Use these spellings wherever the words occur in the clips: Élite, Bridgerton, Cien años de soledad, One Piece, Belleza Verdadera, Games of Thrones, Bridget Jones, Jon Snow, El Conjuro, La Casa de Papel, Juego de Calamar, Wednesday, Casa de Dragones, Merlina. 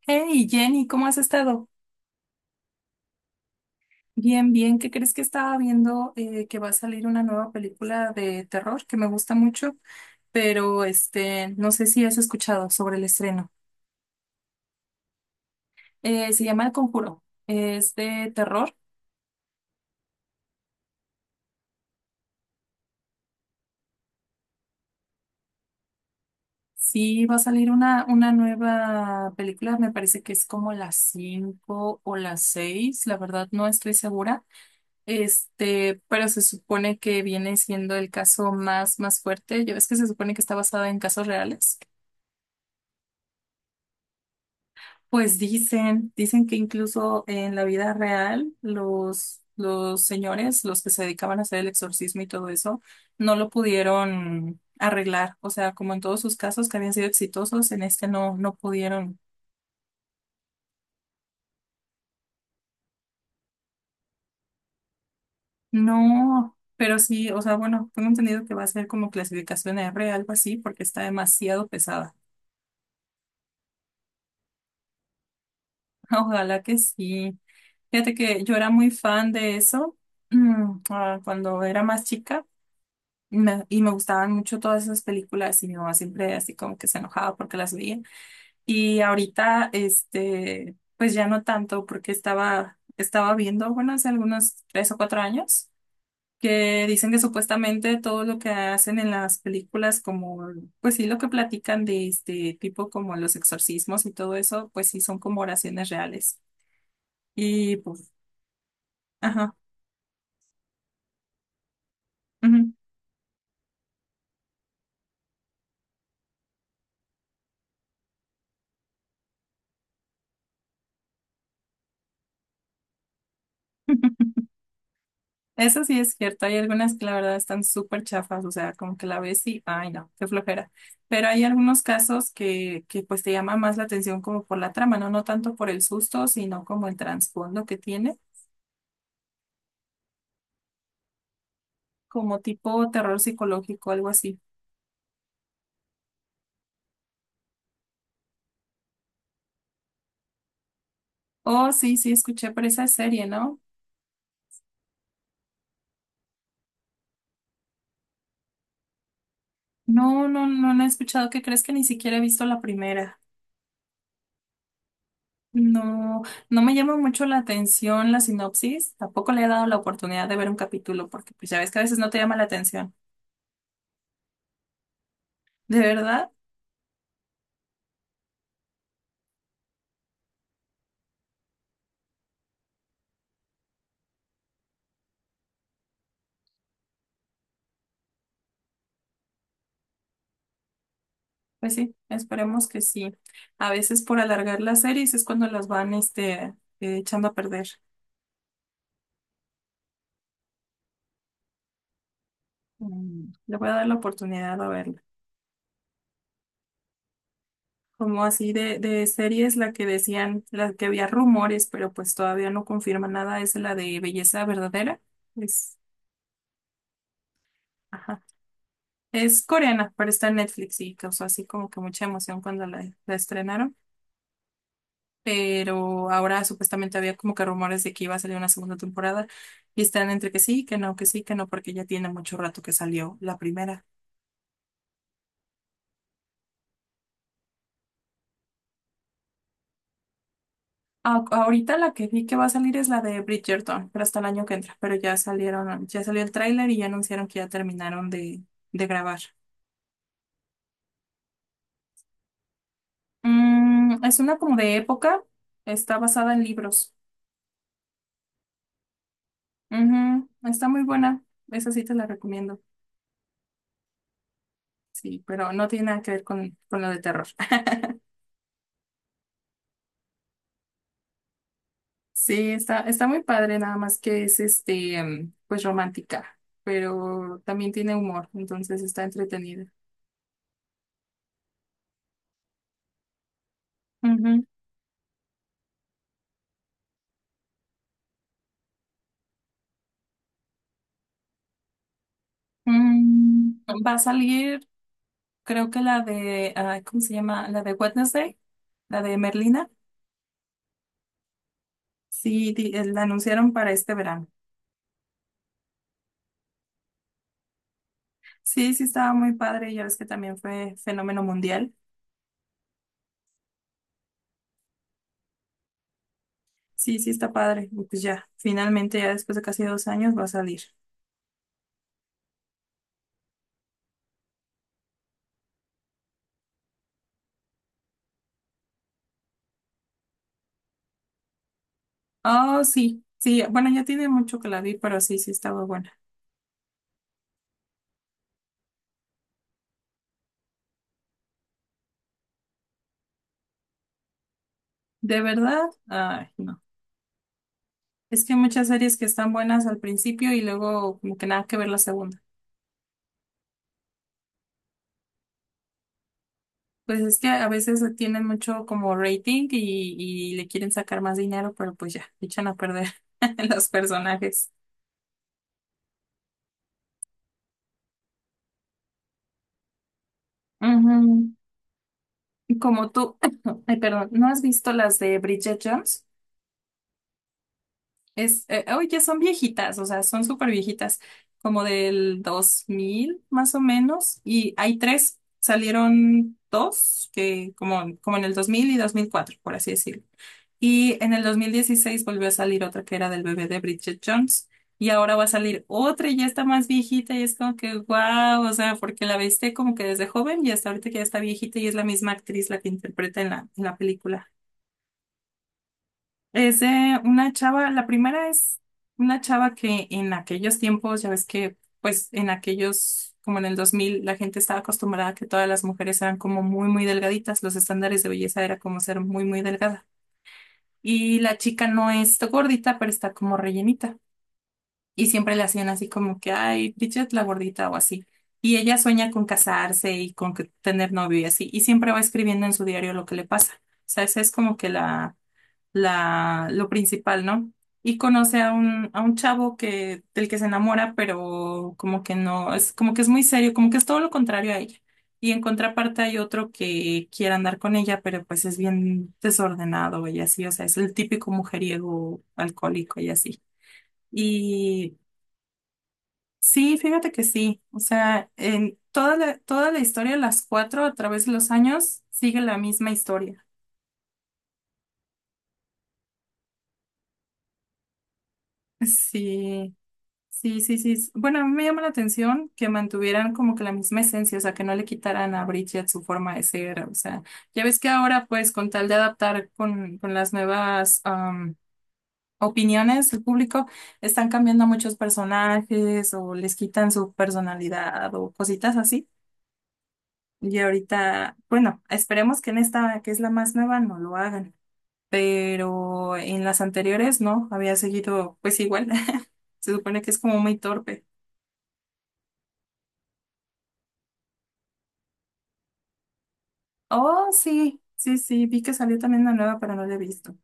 Hey Jenny, ¿cómo has estado? Bien, bien. ¿Qué crees que estaba viendo, que va a salir una nueva película de terror que me gusta mucho? Pero no sé si has escuchado sobre el estreno. Se llama El Conjuro. Es de terror. Sí, va a salir una nueva película. Me parece que es como las 5 o las 6. La verdad, no estoy segura. Pero se supone que viene siendo el caso más, más fuerte. Ya ves que se supone que está basada en casos reales. Pues dicen que incluso en la vida real los señores, los que se dedicaban a hacer el exorcismo y todo eso, no lo pudieron arreglar. O sea, como en todos sus casos que habían sido exitosos, en este no, no pudieron. No, pero sí, o sea, bueno, tengo entendido que va a ser como clasificación R, algo así, porque está demasiado pesada. Ojalá que sí. Fíjate que yo era muy fan de eso, cuando era más chica. Y me gustaban mucho todas esas películas y mi mamá siempre así como que se enojaba porque las veía. Y ahorita, pues ya no tanto porque estaba viendo, bueno, hace algunos 3 o 4 años, que dicen que supuestamente todo lo que hacen en las películas, como, pues sí, lo que platican de este tipo como los exorcismos y todo eso, pues sí son como oraciones reales. Y pues, ajá. Ujú. Eso sí es cierto, hay algunas que la verdad están súper chafas, o sea, como que la ves y, ay no, qué flojera. Pero hay algunos casos que pues te llama más la atención como por la trama, ¿no? No tanto por el susto, sino como el trasfondo que tiene, como tipo terror psicológico, algo así. Oh, sí, sí, escuché por esa serie, ¿no? No, no, no la he escuchado. ¿Qué crees que ni siquiera he visto la primera? No, no me llama mucho la atención la sinopsis, tampoco le he dado la oportunidad de ver un capítulo, porque pues ya ves que a veces no te llama la atención. ¿De verdad? Pues sí, esperemos que sí. A veces por alargar las series es cuando las van echando a perder. Mm. Le voy a dar la oportunidad a verla. Como así de series, la que decían, la que había rumores, pero pues todavía no confirma nada, es la de Belleza Verdadera. Es, ajá. Es coreana, pero está en Netflix y causó así como que mucha emoción cuando la estrenaron. Pero ahora supuestamente había como que rumores de que iba a salir una segunda temporada y están entre que sí, que no, que sí, que no, porque ya tiene mucho rato que salió la primera. Ah, ahorita la que vi que va a salir es la de Bridgerton, pero hasta el año que entra. Pero ya salieron, ya salió el tráiler y ya anunciaron que ya terminaron de grabar. Mm. Es una como de época, está basada en libros. Ujú. Está muy buena, esa sí te la recomiendo. Sí, pero no tiene nada que ver con lo de terror. Sí, está muy padre, nada más que es pues romántica, pero también tiene humor, entonces está entretenida. Ujú. Mm, Va a salir, creo que la de, ¿cómo se llama? La de Wednesday, la de Merlina. Sí, la anunciaron para este verano. Sí, sí, estaba muy padre, ya ves que también fue fenómeno mundial. Sí, sí, está padre. Y pues ya, finalmente, ya después de casi 2 años, va a salir. Oh, sí, sí, bueno, ya tiene mucho que la vi, pero sí, sí, estaba bueno. ¿De verdad? Ay, no. Es que hay muchas series que están buenas al principio y luego como que nada que ver la segunda. Pues es que a veces tienen mucho como rating y le quieren sacar más dinero, pero pues ya, echan a perder los personajes. Ujú. Y Como tú, ay, perdón, ¿no has visto las de Bridget Jones? Hoy ya son viejitas, o sea, son súper viejitas, como del 2000 más o menos, y hay tres, salieron dos, que como en el 2000 y 2004 por así decirlo. Y en el 2016 volvió a salir otra que era del bebé de Bridget Jones, y ahora va a salir otra y ya está más viejita, y es como que, wow, o sea, porque la viste como que desde joven y hasta ahorita que ya está viejita, y es la misma actriz la que interpreta en la película. Es de una chava. La primera es una chava que en aquellos tiempos, ya ves que, pues en aquellos, como en el 2000 la gente estaba acostumbrada a que todas las mujeres eran como muy, muy delgaditas, los estándares de belleza era como ser muy, muy delgada. Y la chica no es gordita, pero está como rellenita. Y siempre le hacían así como que, ay, Bridget la gordita o así. Y ella sueña con casarse y con tener novio y así. Y siempre va escribiendo en su diario lo que le pasa. O sea, esa es como que lo principal, ¿no? Y conoce a un, chavo del que se enamora, pero como que no, es como que es muy serio, como que es todo lo contrario a ella. Y en contraparte hay otro que quiere andar con ella, pero pues es bien desordenado y así, o sea, es el típico mujeriego alcohólico y así. Y sí, fíjate que sí, o sea, en toda la historia, las cuatro a través de los años, sigue la misma historia. Sí. Sí, sí, sí. Bueno, a mí me llama la atención que mantuvieran como que la misma esencia, o sea, que no le quitaran a Bridget su forma de ser. O sea, ya ves que ahora pues con tal de adaptar con las nuevas opiniones del público, están cambiando muchos personajes o les quitan su personalidad o cositas así. Y ahorita, bueno, esperemos que en esta, que es la más nueva, no lo hagan, pero en las anteriores no, había seguido pues igual. Se supone que es como muy torpe. Oh, sí, sí, sí, vi que salió también una nueva, pero no la he visto.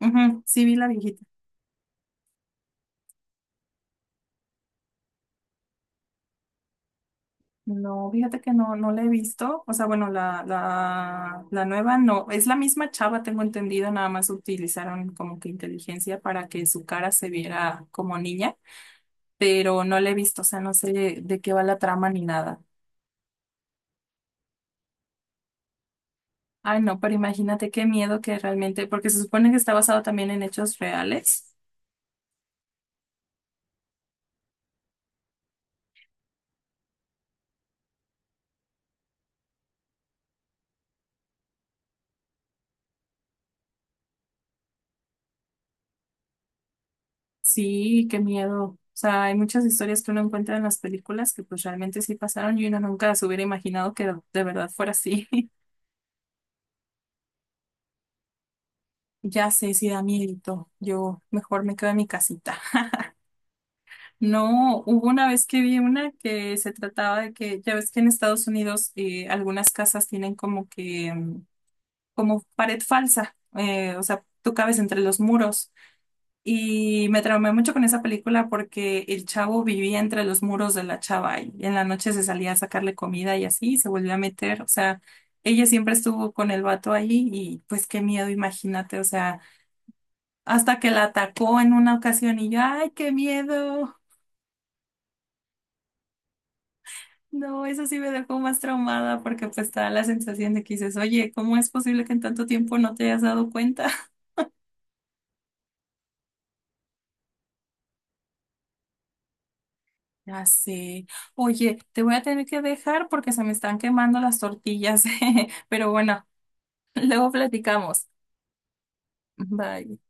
Ujú, sí, vi la viejita. No, fíjate que no, no la he visto. O sea, bueno, la nueva no. Es la misma chava, tengo entendido, nada más utilizaron como que inteligencia para que su cara se viera como niña, pero no la he visto, o sea, no sé de qué va la trama ni nada. Ay, no, pero imagínate qué miedo que realmente, porque se supone que está basado también en hechos reales. Sí, qué miedo. O sea, hay muchas historias que uno encuentra en las películas que pues realmente sí pasaron y uno nunca se hubiera imaginado que de verdad fuera así. Ya sé, sí da miedito. Yo mejor me quedo en mi casita. No, hubo una vez que vi una que se trataba de que, ya ves que en Estados Unidos algunas casas tienen como que, como pared falsa. O sea, tú cabes entre los muros. Y me traumé mucho con esa película porque el chavo vivía entre los muros de la chava y en la noche se salía a sacarle comida y así y se volvió a meter. O sea, ella siempre estuvo con el vato ahí y pues qué miedo, imagínate. O sea, hasta que la atacó en una ocasión y yo, ay, qué miedo. No, eso sí me dejó más traumada porque pues te da la sensación de que dices, oye, ¿cómo es posible que en tanto tiempo no te hayas dado cuenta? Ya sé. Oye, te voy a tener que dejar porque se me están quemando las tortillas. Pero bueno. Luego platicamos. Bye.